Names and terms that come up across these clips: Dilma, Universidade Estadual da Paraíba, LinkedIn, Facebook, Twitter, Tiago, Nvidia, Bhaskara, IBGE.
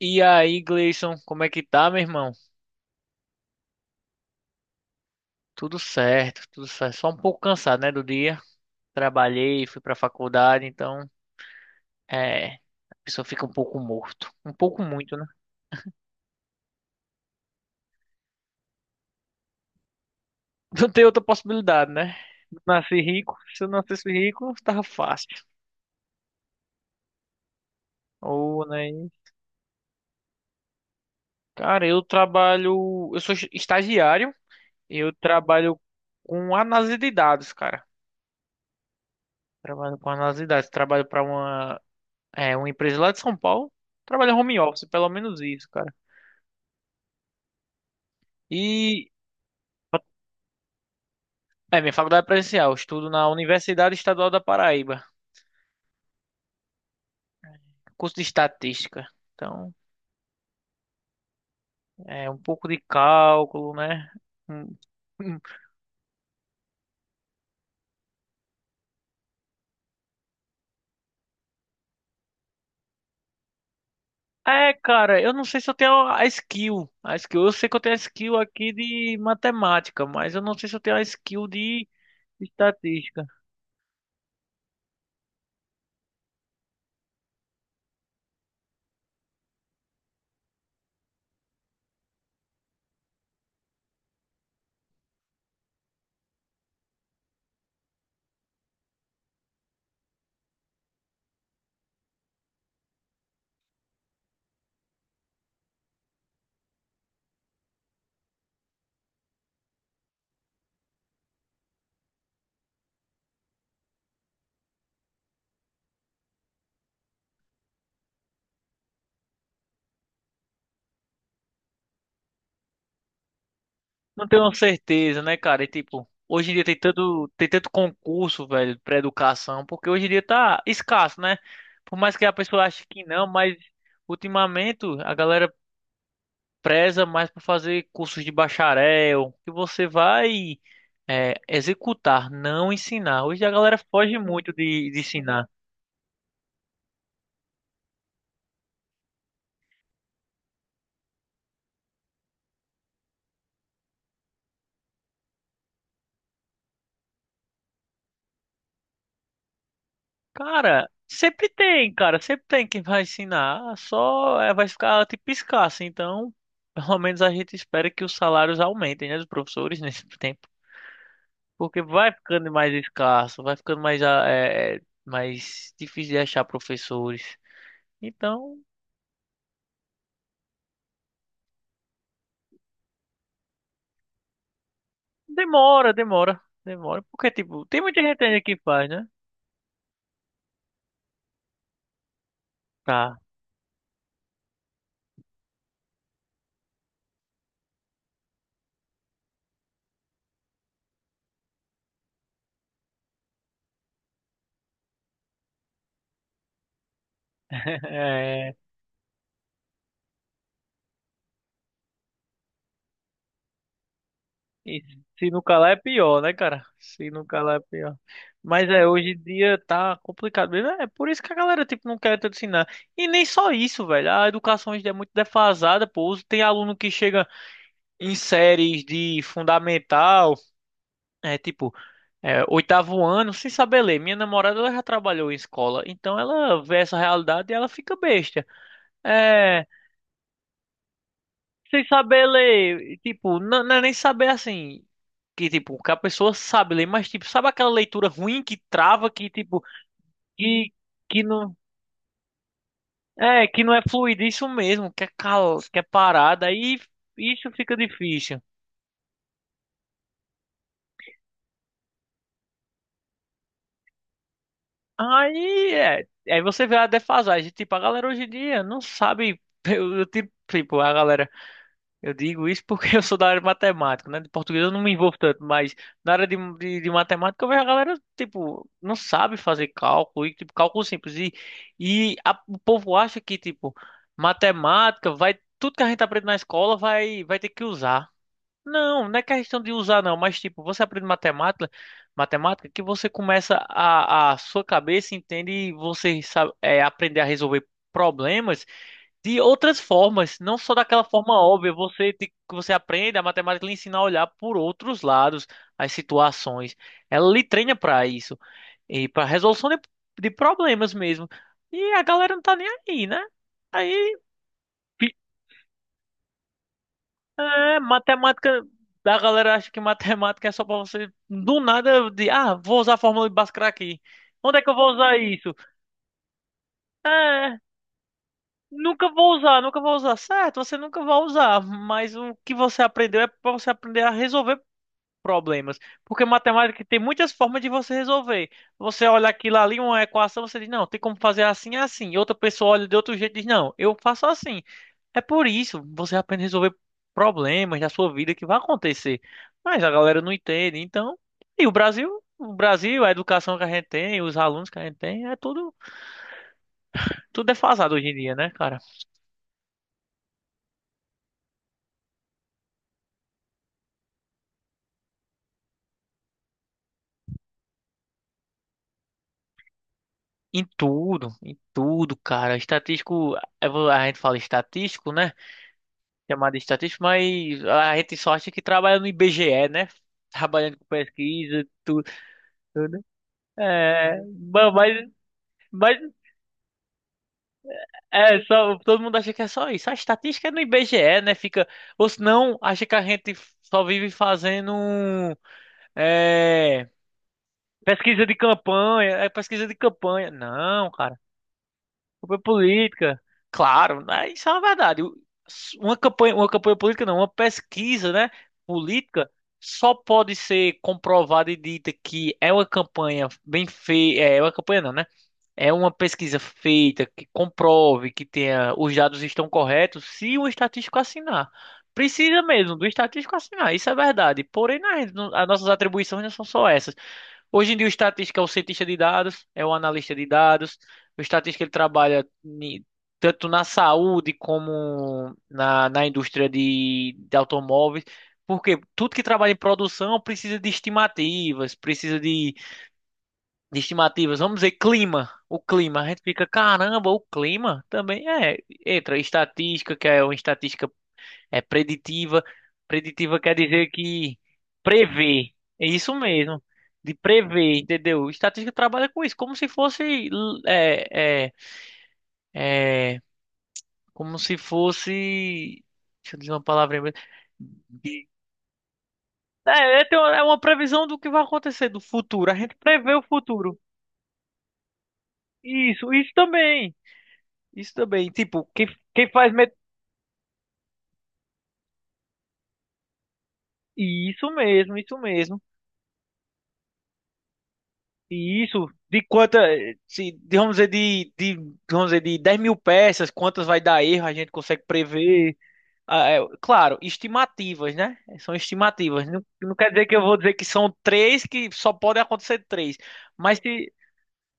E aí, Gleison, como é que tá, meu irmão? Tudo certo, tudo certo. Só um pouco cansado, né, do dia. Trabalhei, fui pra faculdade, então, a pessoa fica um pouco morto. Um pouco muito, né? Não tem outra possibilidade, né? Nasci rico, se eu nascesse rico, tava fácil. Ou, né? Cara, eu trabalho, eu sou estagiário, eu trabalho com análise de dados, cara. Trabalho com análise de dados, trabalho pra uma empresa lá de São Paulo. Trabalho home office, pelo menos isso, cara. E minha faculdade é presencial, eu estudo na Universidade Estadual da Paraíba, curso de estatística. Então, é um pouco de cálculo, né? Hum, hum. É, cara, eu não sei se eu tenho a skill. A skill, eu sei que eu tenho a skill aqui de matemática, mas eu não sei se eu tenho a skill de estatística. Não tenho certeza, né, cara? E, tipo, hoje em dia tem tanto concurso, velho, pra educação, porque hoje em dia tá escasso, né? Por mais que a pessoa ache que não, mas ultimamente a galera preza mais por fazer cursos de bacharel, que você vai executar, não ensinar. Hoje a galera foge muito de ensinar. Cara, sempre tem quem vai ensinar, só vai ficar tipo escasso, então pelo menos a gente espera que os salários aumentem, né, dos professores nesse tempo, porque vai ficando mais escasso, vai ficando mais, ah, mais difícil de achar professores, então demora, demora, demora, porque tipo, tem muita gente ainda que faz, né? Tá. É. E se não calar é pior, né, cara? Se não calar é pior. Mas hoje em dia tá complicado mesmo. É por isso que a galera, tipo, não quer te ensinar. E nem só isso, velho. A educação hoje em dia é muito defasada, pô. Tem aluno que chega em séries de fundamental, tipo, oitavo ano, sem saber ler. Minha namorada, ela já trabalhou em escola. Então ela vê essa realidade e ela fica besta. É. Sem saber ler, tipo, não, não é nem saber assim, que tipo, que a pessoa sabe ler, mas tipo, sabe aquela leitura ruim que trava, que tipo, que, que que não é fluido isso mesmo, que é cal, que é parada, aí isso fica difícil. Aí, aí você vê a defasagem, tipo, a galera hoje em dia não sabe, tipo, a galera. Eu digo isso porque eu sou da área de matemática, né? De português eu não me envolvo tanto, mas na área de matemática eu vejo a galera, tipo, não sabe fazer cálculo, e, tipo, cálculo simples. O povo acha que, tipo, matemática vai, tudo que a gente aprende na escola vai, ter que usar. Não, não é questão de usar, não, mas, tipo, você aprende matemática, matemática que você começa a sua cabeça entende e você sabe, aprender a resolver problemas de outras formas, não só daquela forma óbvia. Que você aprende, a matemática lhe ensina a olhar por outros lados, as situações. Ela lhe treina para isso e para resolução de problemas mesmo. E a galera não tá nem aí, né? Aí, fi- matemática, da galera acha que matemática é só para você do nada de, ah, vou usar a fórmula de Bhaskara aqui. Onde é que eu vou usar isso? É, nunca vou usar, nunca vou usar. Certo, você nunca vai usar, mas o que você aprendeu é para você aprender a resolver problemas. Porque matemática tem muitas formas de você resolver. Você olha aquilo ali, uma equação, você diz, não, tem como fazer assim, assim. E outra pessoa olha de outro jeito e diz, não, eu faço assim. É por isso, você aprende a resolver problemas da sua vida que vai acontecer. Mas a galera não entende, então... E o Brasil, a educação que a gente tem, os alunos que a gente tem, é tudo, tudo defasado hoje em dia, né, cara? Em tudo, cara. Estatístico, é a gente fala estatístico, né? Chamada estatística, mas a gente só acha que trabalha no IBGE, né? Trabalhando com pesquisa, tudo, tudo. É, mas é só, todo mundo acha que é só isso. A estatística é no IBGE, né? Fica, ou senão acha que a gente só vive fazendo é, pesquisa de campanha, é pesquisa de campanha. Não. Campanha política, claro, né? Isso é uma verdade. Uma campanha política não, uma pesquisa, né, política só pode ser comprovada e dita que é uma campanha bem feita, é uma campanha não, né? É uma pesquisa feita que comprove que tenha os dados estão corretos se o estatístico assinar. Precisa mesmo do estatístico assinar, isso é verdade. Porém, as nossas atribuições não são só essas. Hoje em dia o estatístico é o cientista de dados, é o analista de dados. O estatístico ele trabalha tanto na saúde como na indústria de automóveis. Porque tudo que trabalha em produção precisa de estimativas, precisa de estimativas. Vamos dizer, clima. O clima. A gente fica, caramba, o clima também é. Entra estatística, que é uma estatística preditiva. Preditiva quer dizer que prevê. É isso mesmo. De prever, entendeu? Estatística trabalha com isso, como se fosse. É, é, é, como se fosse. Deixa eu dizer uma palavra em inglês. De- É, é ter uma é uma previsão do que vai acontecer do futuro. A gente prevê o futuro. Isso também. Isso também. Tipo, quem faz. Isso mesmo, isso mesmo. E isso, de quanta, se, de- vamos dizer, de 10.000 peças, quantas vai dar erro, a gente consegue prever. Ah, claro, estimativas, né? São estimativas. Não, não quer dizer que eu vou dizer que são três, que só podem acontecer três. Mas se.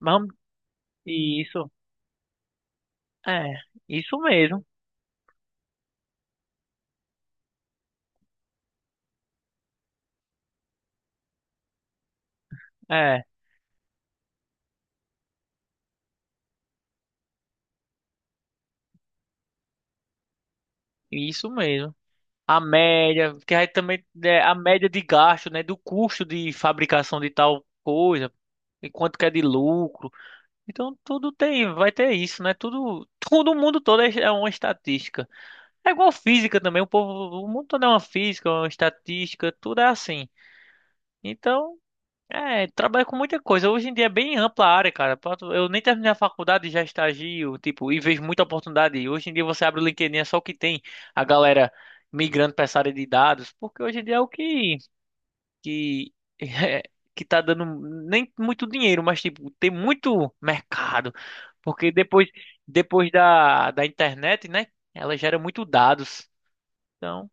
Mas vamos, isso, é, isso mesmo. É, isso mesmo. A média, que aí também a média de gasto, né? Do custo de fabricação de tal coisa, e quanto que é de lucro. Então tudo tem, vai ter isso, né? Tudo, todo o mundo todo é uma estatística. É igual física também, o povo, o mundo todo é uma física, uma estatística, tudo é assim. Então, trabalha com muita coisa. Hoje em dia é bem ampla a área, cara. Eu nem terminei a faculdade e já estagio, tipo, e vejo muita oportunidade. Hoje em dia você abre o LinkedIn, é só o que tem a galera migrando para essa área de dados, porque hoje em dia é o que que que tá dando nem muito dinheiro, mas tipo, tem muito mercado, porque depois da internet, né, ela gera muito dados. Então,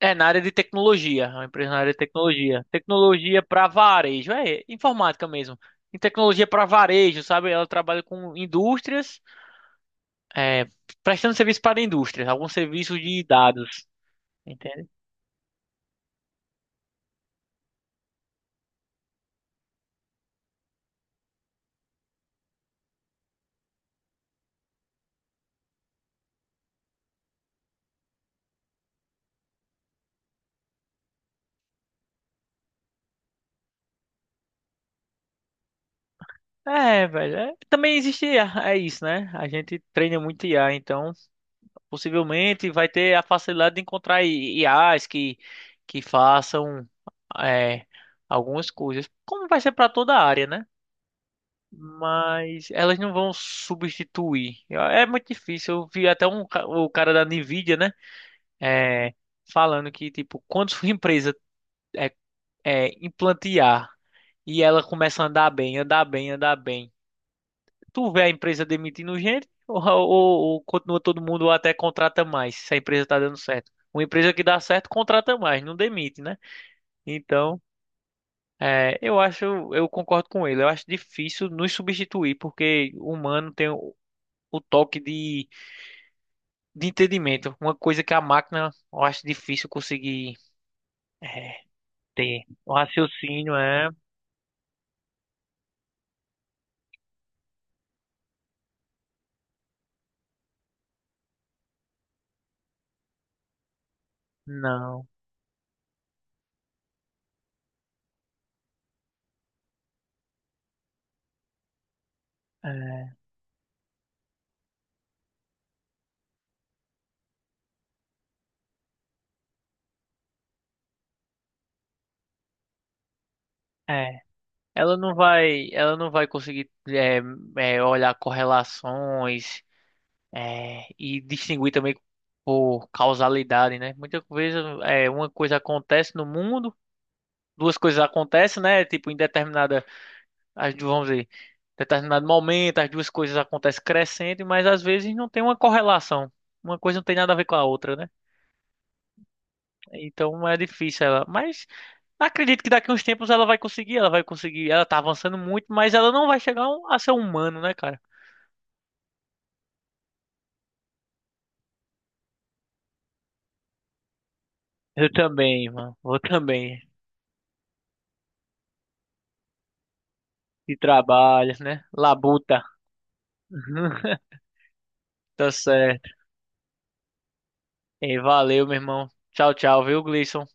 é na área de tecnologia, é uma empresa na área de tecnologia. Tecnologia para varejo, é informática mesmo. Em tecnologia para varejo, sabe? Ela trabalha com indústrias, é, prestando serviço para indústrias, alguns serviços de dados. Entende? É, velho. Também existe, é isso, né? A gente treina muito IA, então. Possivelmente vai ter a facilidade de encontrar IAs que façam é, algumas coisas, como vai ser para toda a área, né? Mas elas não vão substituir. É muito difícil. Eu vi até um, o cara da Nvidia, né? É, falando que, tipo, quando sua empresa é, implantear e ela começa a andar bem, andar bem, andar bem. Tu vê a empresa demitindo gente ou continua todo mundo ou até contrata mais, se a empresa tá dando certo. Uma empresa que dá certo contrata mais, não demite, né? Então, eu acho, eu concordo com ele. Eu acho difícil nos substituir, porque o humano tem o toque de entendimento. Uma coisa que a máquina, eu acho difícil conseguir. É, o raciocínio é. Não. É. É. Ela não vai conseguir olhar correlações. É, e distinguir também por causalidade, né? Muitas vezes uma coisa acontece no mundo, duas coisas acontecem, né? Tipo, em determinada, vamos dizer, determinado momento, as duas coisas acontecem crescendo, mas às vezes não tem uma correlação. Uma coisa não tem nada a ver com a outra, né? Então é difícil ela. Mas acredito que daqui a uns tempos ela vai conseguir, ela vai conseguir. Ela tá avançando muito, mas ela não vai chegar a ser um humano, né, cara? Eu também, mano. Eu também. E trabalho, né? Labuta. Tá certo. E valeu, meu irmão. Tchau, tchau, viu, Gleison?